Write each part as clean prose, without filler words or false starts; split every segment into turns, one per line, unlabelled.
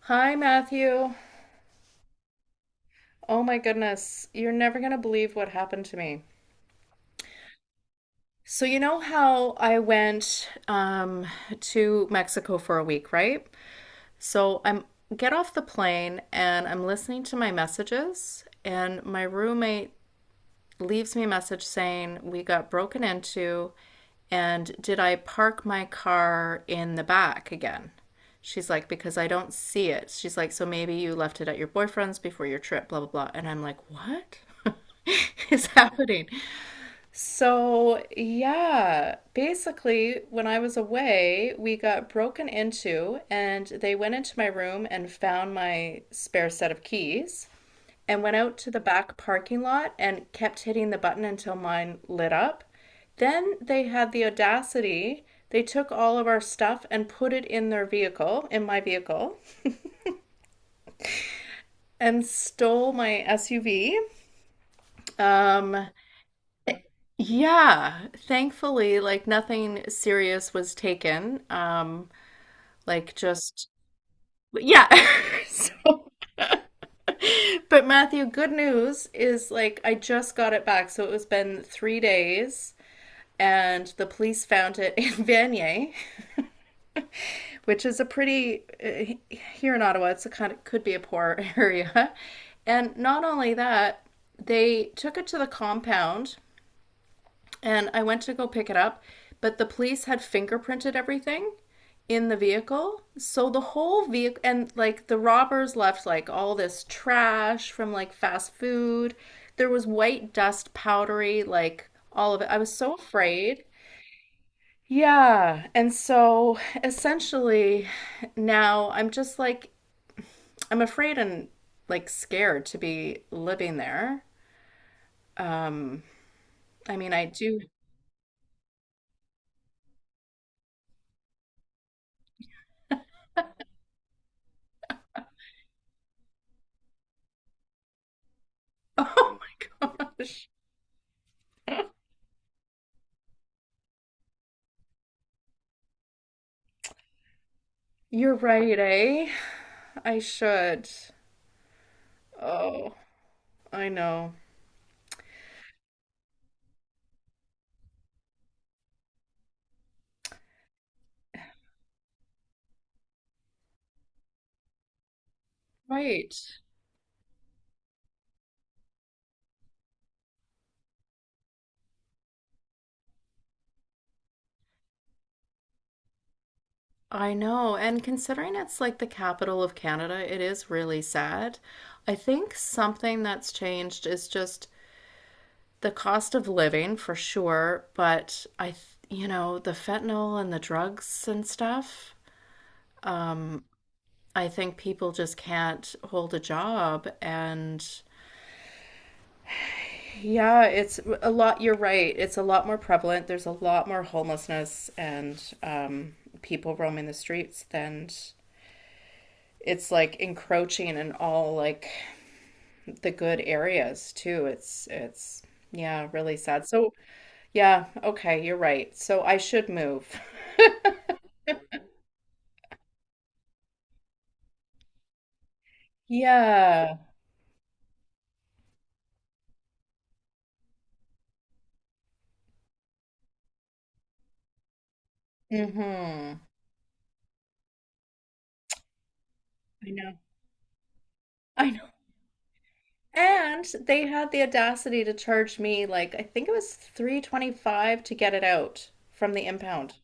Hi, Matthew. Oh my goodness. You're never going to believe what happened to me. So, you know how I went to Mexico for a week, right? So, I'm get off the plane and I'm listening to my messages, and my roommate leaves me a message saying, We got broken into, and did I park my car in the back again? She's like, Because I don't see it. She's like, So maybe you left it at your boyfriend's before your trip, blah, blah, blah. And I'm like, What? is happening. So, yeah, basically, when I was away, we got broken into, and they went into my room and found my spare set of keys and went out to the back parking lot and kept hitting the button until mine lit up. Then they had the audacity. They took all of our stuff and put it in their vehicle, in my vehicle, and stole my SUV. Um, yeah, thankfully, like nothing serious was taken. Like just, yeah. So, but Matthew, good news is like I just got it back. So it was been 3 days and the police found it in Vanier, which is a pretty here in Ottawa. It's a kind of could be a poor area, and not only that, they took it to the compound, and I went to go pick it up, but the police had fingerprinted everything in the vehicle. So the whole vehicle and like the robbers left like all this trash from like fast food. There was white dust, powdery, like all of it. I was so afraid. Yeah. And so essentially now I'm just like I'm afraid and like scared to be living there. Um, I mean, I do. Oh my gosh. You're right, eh? I should. Oh, I know. Right. I know. And considering it's like the capital of Canada, it is really sad. I think something that's changed is just the cost of living for sure, but I, you know, the fentanyl and the drugs and stuff. I think people just can't hold a job and yeah, it's a lot. You're right. It's a lot more prevalent. There's a lot more homelessness and people roaming the streets than it's like encroaching in all like the good areas too. It's yeah, really sad. So yeah, okay, you're right. So I should move. Yeah. Mm-hmm. I know. I know. And they had the audacity to charge me like I think it was 325 to get it out from the impound.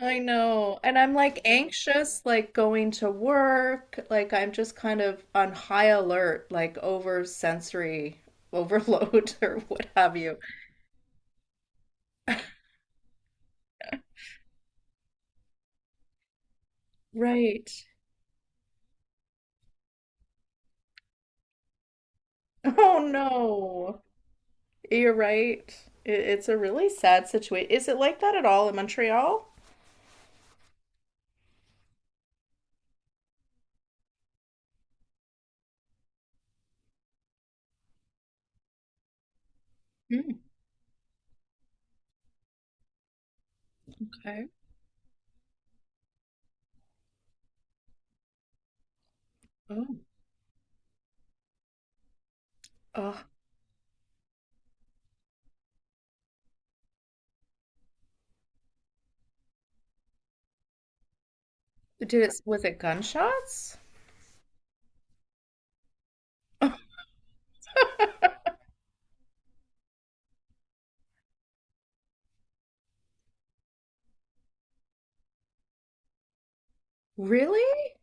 I know. And I'm like anxious like going to work, like I'm just kind of on high alert like over sensory overload or what have you. Right. Oh no. You're right. It's a really sad situation. Is it like that at all in Montreal? Mm, okay. Oh. Oh, was it gunshots? Really?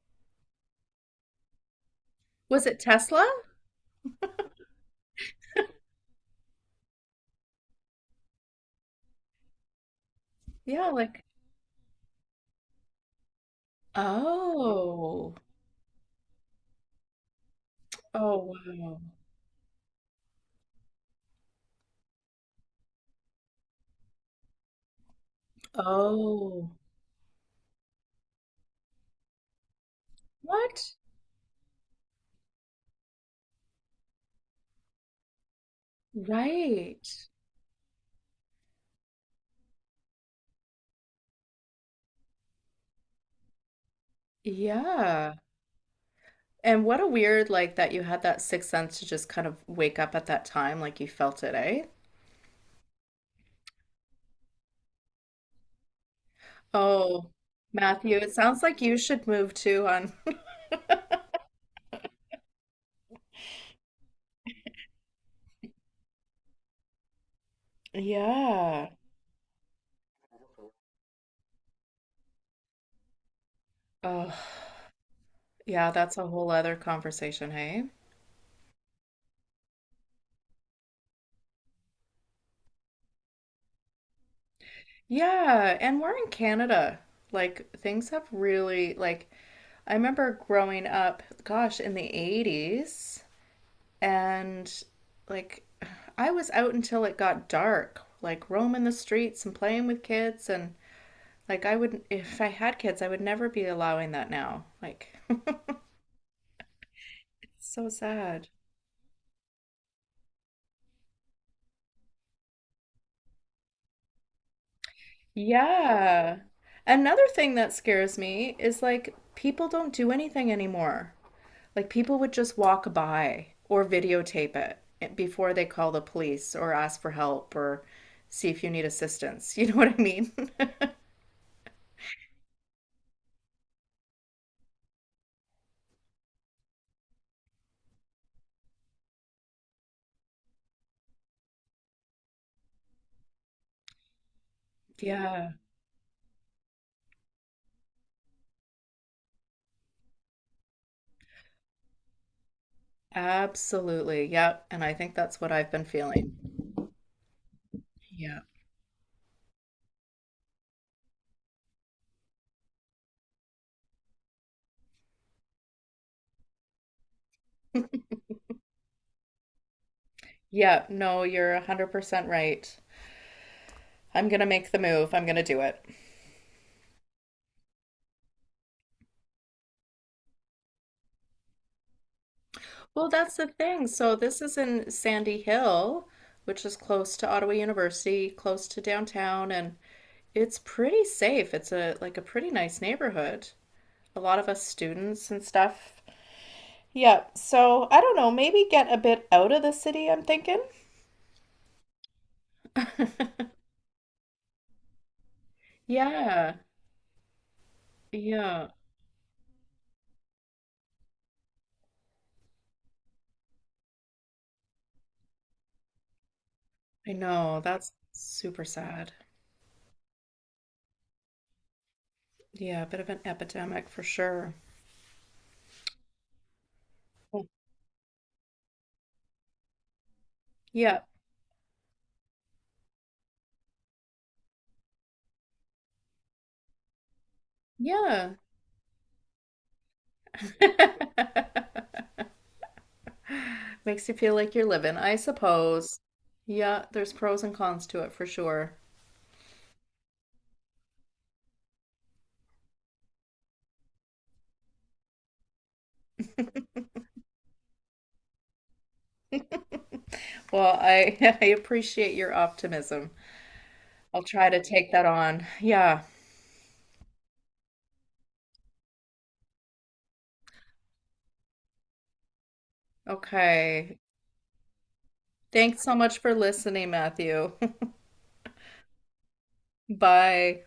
Was it Tesla? Yeah, like, oh, oh, wow. Oh, what? Right. Yeah. And what a weird, like, that you had that sixth sense to just kind of wake up at that time, like you felt it, eh? Oh, Matthew, it sounds like you should move too on. Yeah. Oh, yeah, that's a whole other conversation, hey? Yeah, and we're in Canada. Like things have really like I remember growing up, gosh, in the 80s and like I was out until it got dark, like roaming the streets and playing with kids and like I would if I had kids, I would never be allowing that now. Like so sad. Yeah. Another thing that scares me is like people don't do anything anymore. Like people would just walk by or videotape it eh, before they call the police or ask for help or see if you need assistance. You know what I mean? Yeah. Absolutely. Yep. And I think that's what I've been feeling. Yeah. Yeah. No, you're 100% right. I'm going to make the move. I'm going to do it. Well, that's the thing. So, this is in Sandy Hill, which is close to Ottawa University, close to downtown, and it's pretty safe. It's a like a pretty nice neighborhood. A lot of us students and stuff. Yeah, so I don't know, maybe get a bit out of the city, I'm thinking. Yeah, yeah, I know. That's super sad. Yeah, a bit of an epidemic for sure. Well, yeah, yeah. Makes you feel like you're living, I suppose. Yeah, there's pros and cons to it for sure. Well, I I appreciate your optimism. I'll try to take that on. Yeah. Okay. Thanks so much for listening, Matthew. Bye.